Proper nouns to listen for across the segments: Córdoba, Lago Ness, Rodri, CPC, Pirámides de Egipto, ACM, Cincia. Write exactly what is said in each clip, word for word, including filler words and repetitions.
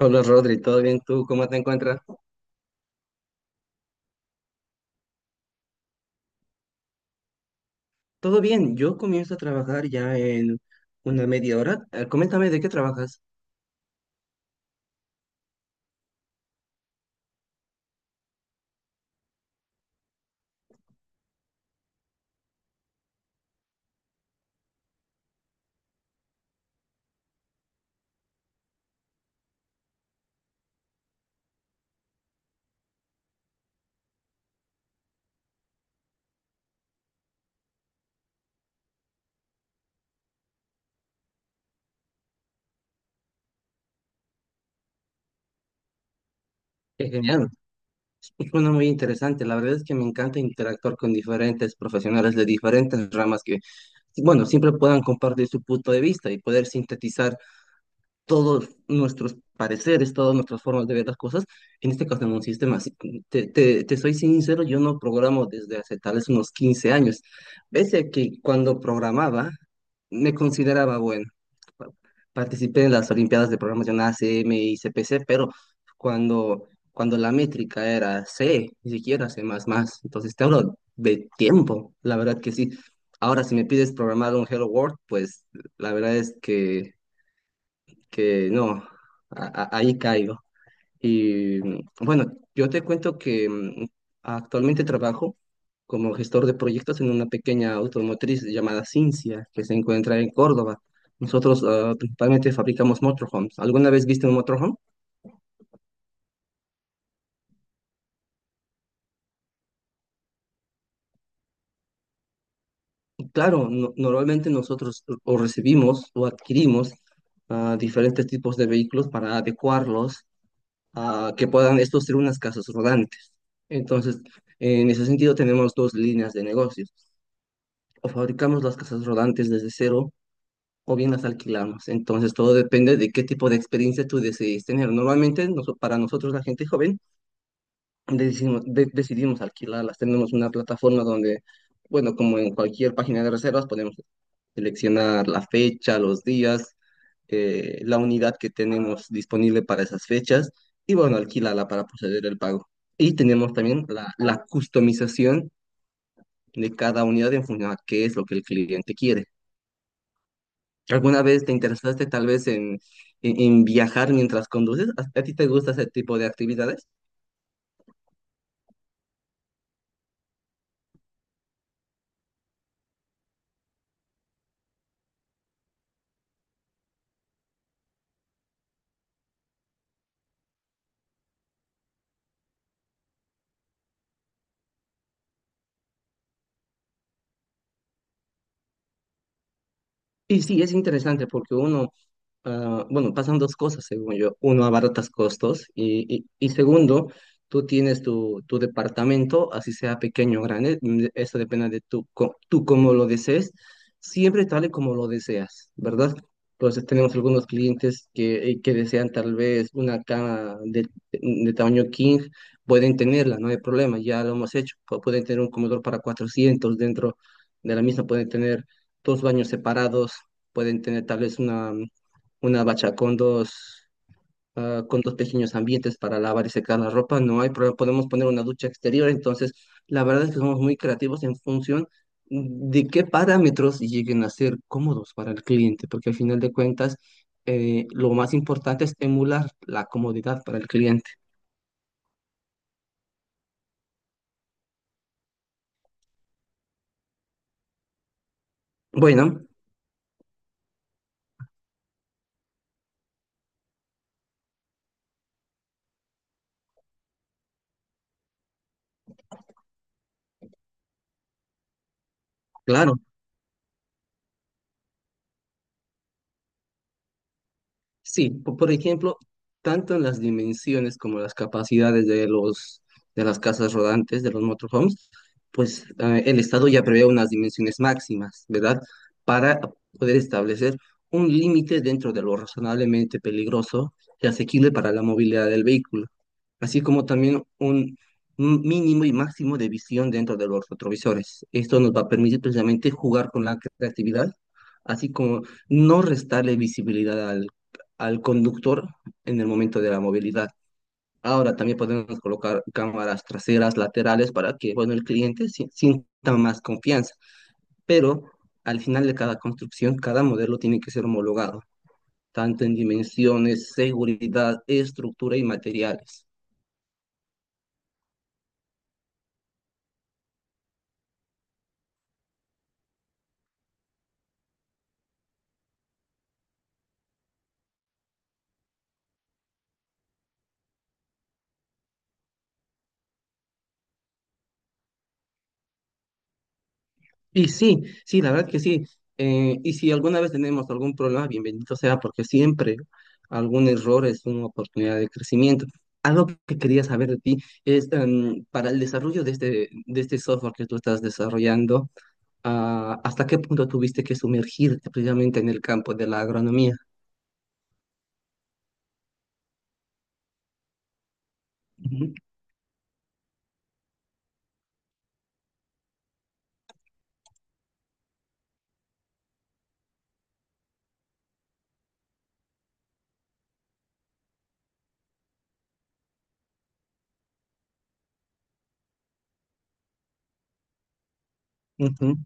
Hola Rodri, ¿todo bien? ¿Tú cómo te encuentras? Todo bien, yo comienzo a trabajar ya en una media hora. Eh, coméntame de qué trabajas. Es genial. Suena muy interesante. La verdad es que me encanta interactuar con diferentes profesionales de diferentes ramas que, bueno, siempre puedan compartir su punto de vista y poder sintetizar todos nuestros pareceres, todas nuestras formas de ver las cosas, en este caso en un sistema. Así, Te, te, te soy sincero, yo no programo desde hace tal vez unos quince años, pese a que cuando programaba me consideraba bueno. Pa- Participé en las Olimpiadas de Programación A C M y C P C, pero cuando, cuando la métrica era C, ni siquiera C++, entonces te hablo de tiempo, la verdad que sí. Ahora, si me pides programar un Hello World, pues la verdad es que que no, a- a- ahí caigo. Y mm, bueno, yo te cuento que mm, actualmente trabajo como gestor de proyectos en una pequeña automotriz llamada Cincia, que se encuentra en Córdoba. Nosotros ah, principalmente fabricamos motorhomes. ¿Alguna vez viste un motorhome? Claro, no- normalmente nosotros o recibimos o adquirimos ah, diferentes tipos de vehículos para adecuarlos a que puedan estos ser unas casas rodantes. Entonces, en ese sentido tenemos dos líneas de negocios. O fabricamos las casas rodantes desde cero o bien las alquilamos. Entonces, todo depende de qué tipo de experiencia tú decidís tener. Normalmente, noso- para nosotros, la gente joven, decidimos, de- decidimos alquilarlas. Tenemos una plataforma donde, bueno, como en cualquier página de reservas, podemos seleccionar la fecha, los días eh, la unidad que tenemos disponible para esas fechas y bueno, alquílala para proceder el pago. Y tenemos también la, la customización de cada unidad en función a qué es lo que el cliente quiere. ¿Alguna vez te interesaste tal vez en, en, en viajar mientras conduces? ¿A, a ti te gusta ese tipo de actividades? Y sí, es interesante porque uno ah, bueno, pasan dos cosas, según yo. Uno, abaratas costos y, y, y segundo, tú tienes tu, tu departamento, así sea pequeño o grande, mm, eso depende de tú, co- tú cómo lo desees, siempre tal y como lo deseas, ¿verdad? Entonces tenemos algunos clientes que, eh, que desean tal vez una cama de, de tamaño king, pueden tenerla, no hay problema, ya lo hemos hecho. Pu- Pueden tener un comedor para cuatrocientos dentro de la misma, pueden tener dos baños separados, pueden tener tal vez una, una bacha con dos, ah, con dos pequeños ambientes para lavar y secar la ropa, no hay problema, podemos poner una ducha exterior, entonces la verdad es que somos muy creativos en función de qué parámetros lleguen a ser cómodos para el cliente, porque al final de cuentas eh, lo más importante es emular la comodidad para el cliente. Bueno, claro. Sí, po- por ejemplo, tanto en las dimensiones como las capacidades de los de las casas rodantes, de los motorhomes, pues eh, el Estado ya prevé unas dimensiones máximas, ¿verdad? Para poder establecer un límite dentro de lo razonablemente peligroso y asequible para la movilidad del vehículo así como también un mínimo y máximo de visión dentro de los retrovisores. Esto nos va a permitir precisamente jugar con la creatividad, así como no restarle visibilidad al, al conductor en el momento de la movilidad. Ahora también podemos colocar cámaras traseras, laterales, para que, bueno, el cliente si- sienta más confianza. Pero al final de cada construcción, cada modelo tiene que ser homologado, tanto en dimensiones, seguridad, estructura y materiales. Y sí, sí, la verdad que sí. Eh, y si alguna vez tenemos algún problema, bienvenido sea, porque siempre algún error es una oportunidad de crecimiento. Algo que quería saber de ti es, em, para el desarrollo de este, de este software que tú estás desarrollando, ah, ¿hasta qué punto tuviste que sumergirte precisamente en el campo de la agronomía? Ujú, ujú.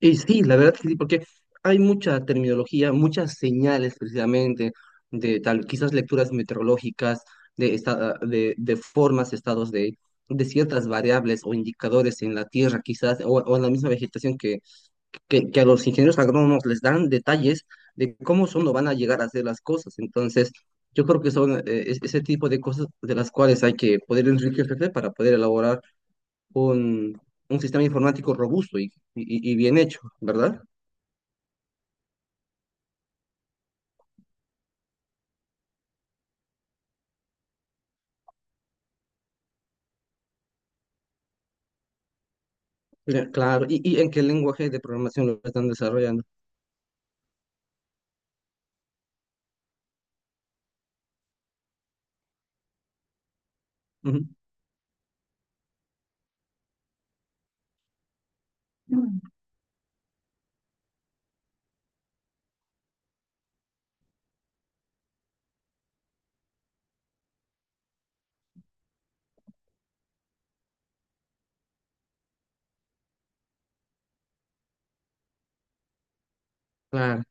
Y sí, la verdad que sí, porque hay mucha terminología, muchas señales precisamente de tal, quizás lecturas meteorológicas, de, esta- de, de formas, estados de, de ciertas variables o indicadores en la tierra, quizás, o, o en la misma vegetación que, que, que a los ingenieros agrónomos les dan detalles de cómo son o van a llegar a hacer las cosas. Entonces, yo creo que son eh, es- ese tipo de cosas de las cuales hay que poder enriquecerse para poder elaborar un, un sistema informático robusto y, y y bien hecho, ¿verdad? Ya, claro, ¿y, y en qué lenguaje de programación lo están desarrollando? Ujú, claro.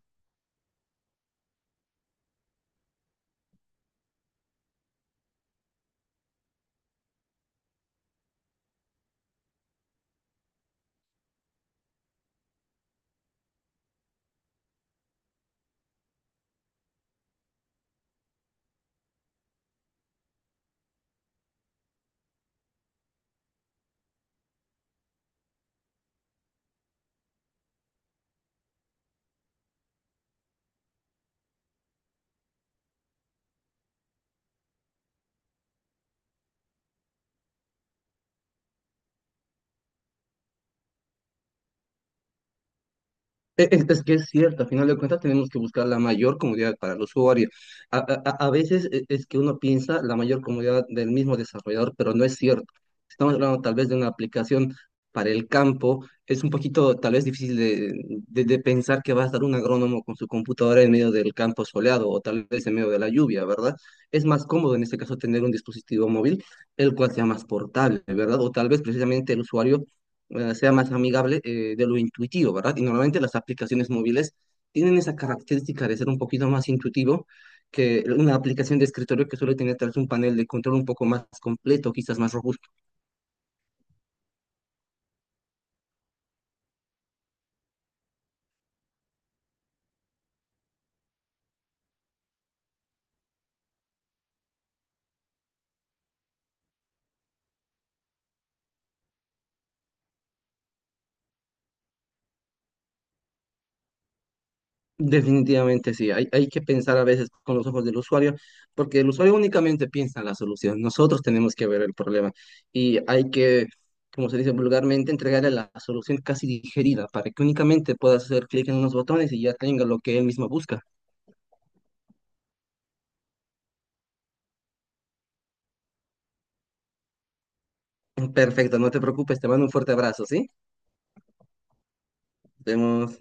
E- Es es que es cierto, a final de cuentas tenemos que buscar la mayor comodidad para el usuario. A, a- a- a veces e- es que uno piensa la mayor comodidad del mismo desarrollador, pero no es cierto. Si estamos hablando tal vez de una aplicación para el campo. Es un poquito tal vez difícil de, de- de pensar que va a estar un agrónomo con su computadora en medio del campo soleado o tal vez en medio de la lluvia, ¿verdad? Es más cómodo en este caso tener un dispositivo móvil, el cual sea más portable, ¿verdad? O tal vez precisamente el usuario eh, sea más amigable eh, de lo intuitivo, ¿verdad? Y normalmente las aplicaciones móviles tienen esa característica de ser un poquito más intuitivo que una aplicación de escritorio que suele tener tal vez un panel de control un poco más completo, quizás más robusto. Definitivamente sí, hay, hay que pensar a veces con los ojos del usuario, porque el usuario únicamente piensa en la solución, nosotros tenemos que ver el problema y hay que, como se dice vulgarmente, entregarle la solución casi digerida para que únicamente pueda hacer clic en unos botones y ya tenga lo que él mismo busca. Perfecto, no te preocupes, te mando un fuerte abrazo, ¿sí? Nos vemos.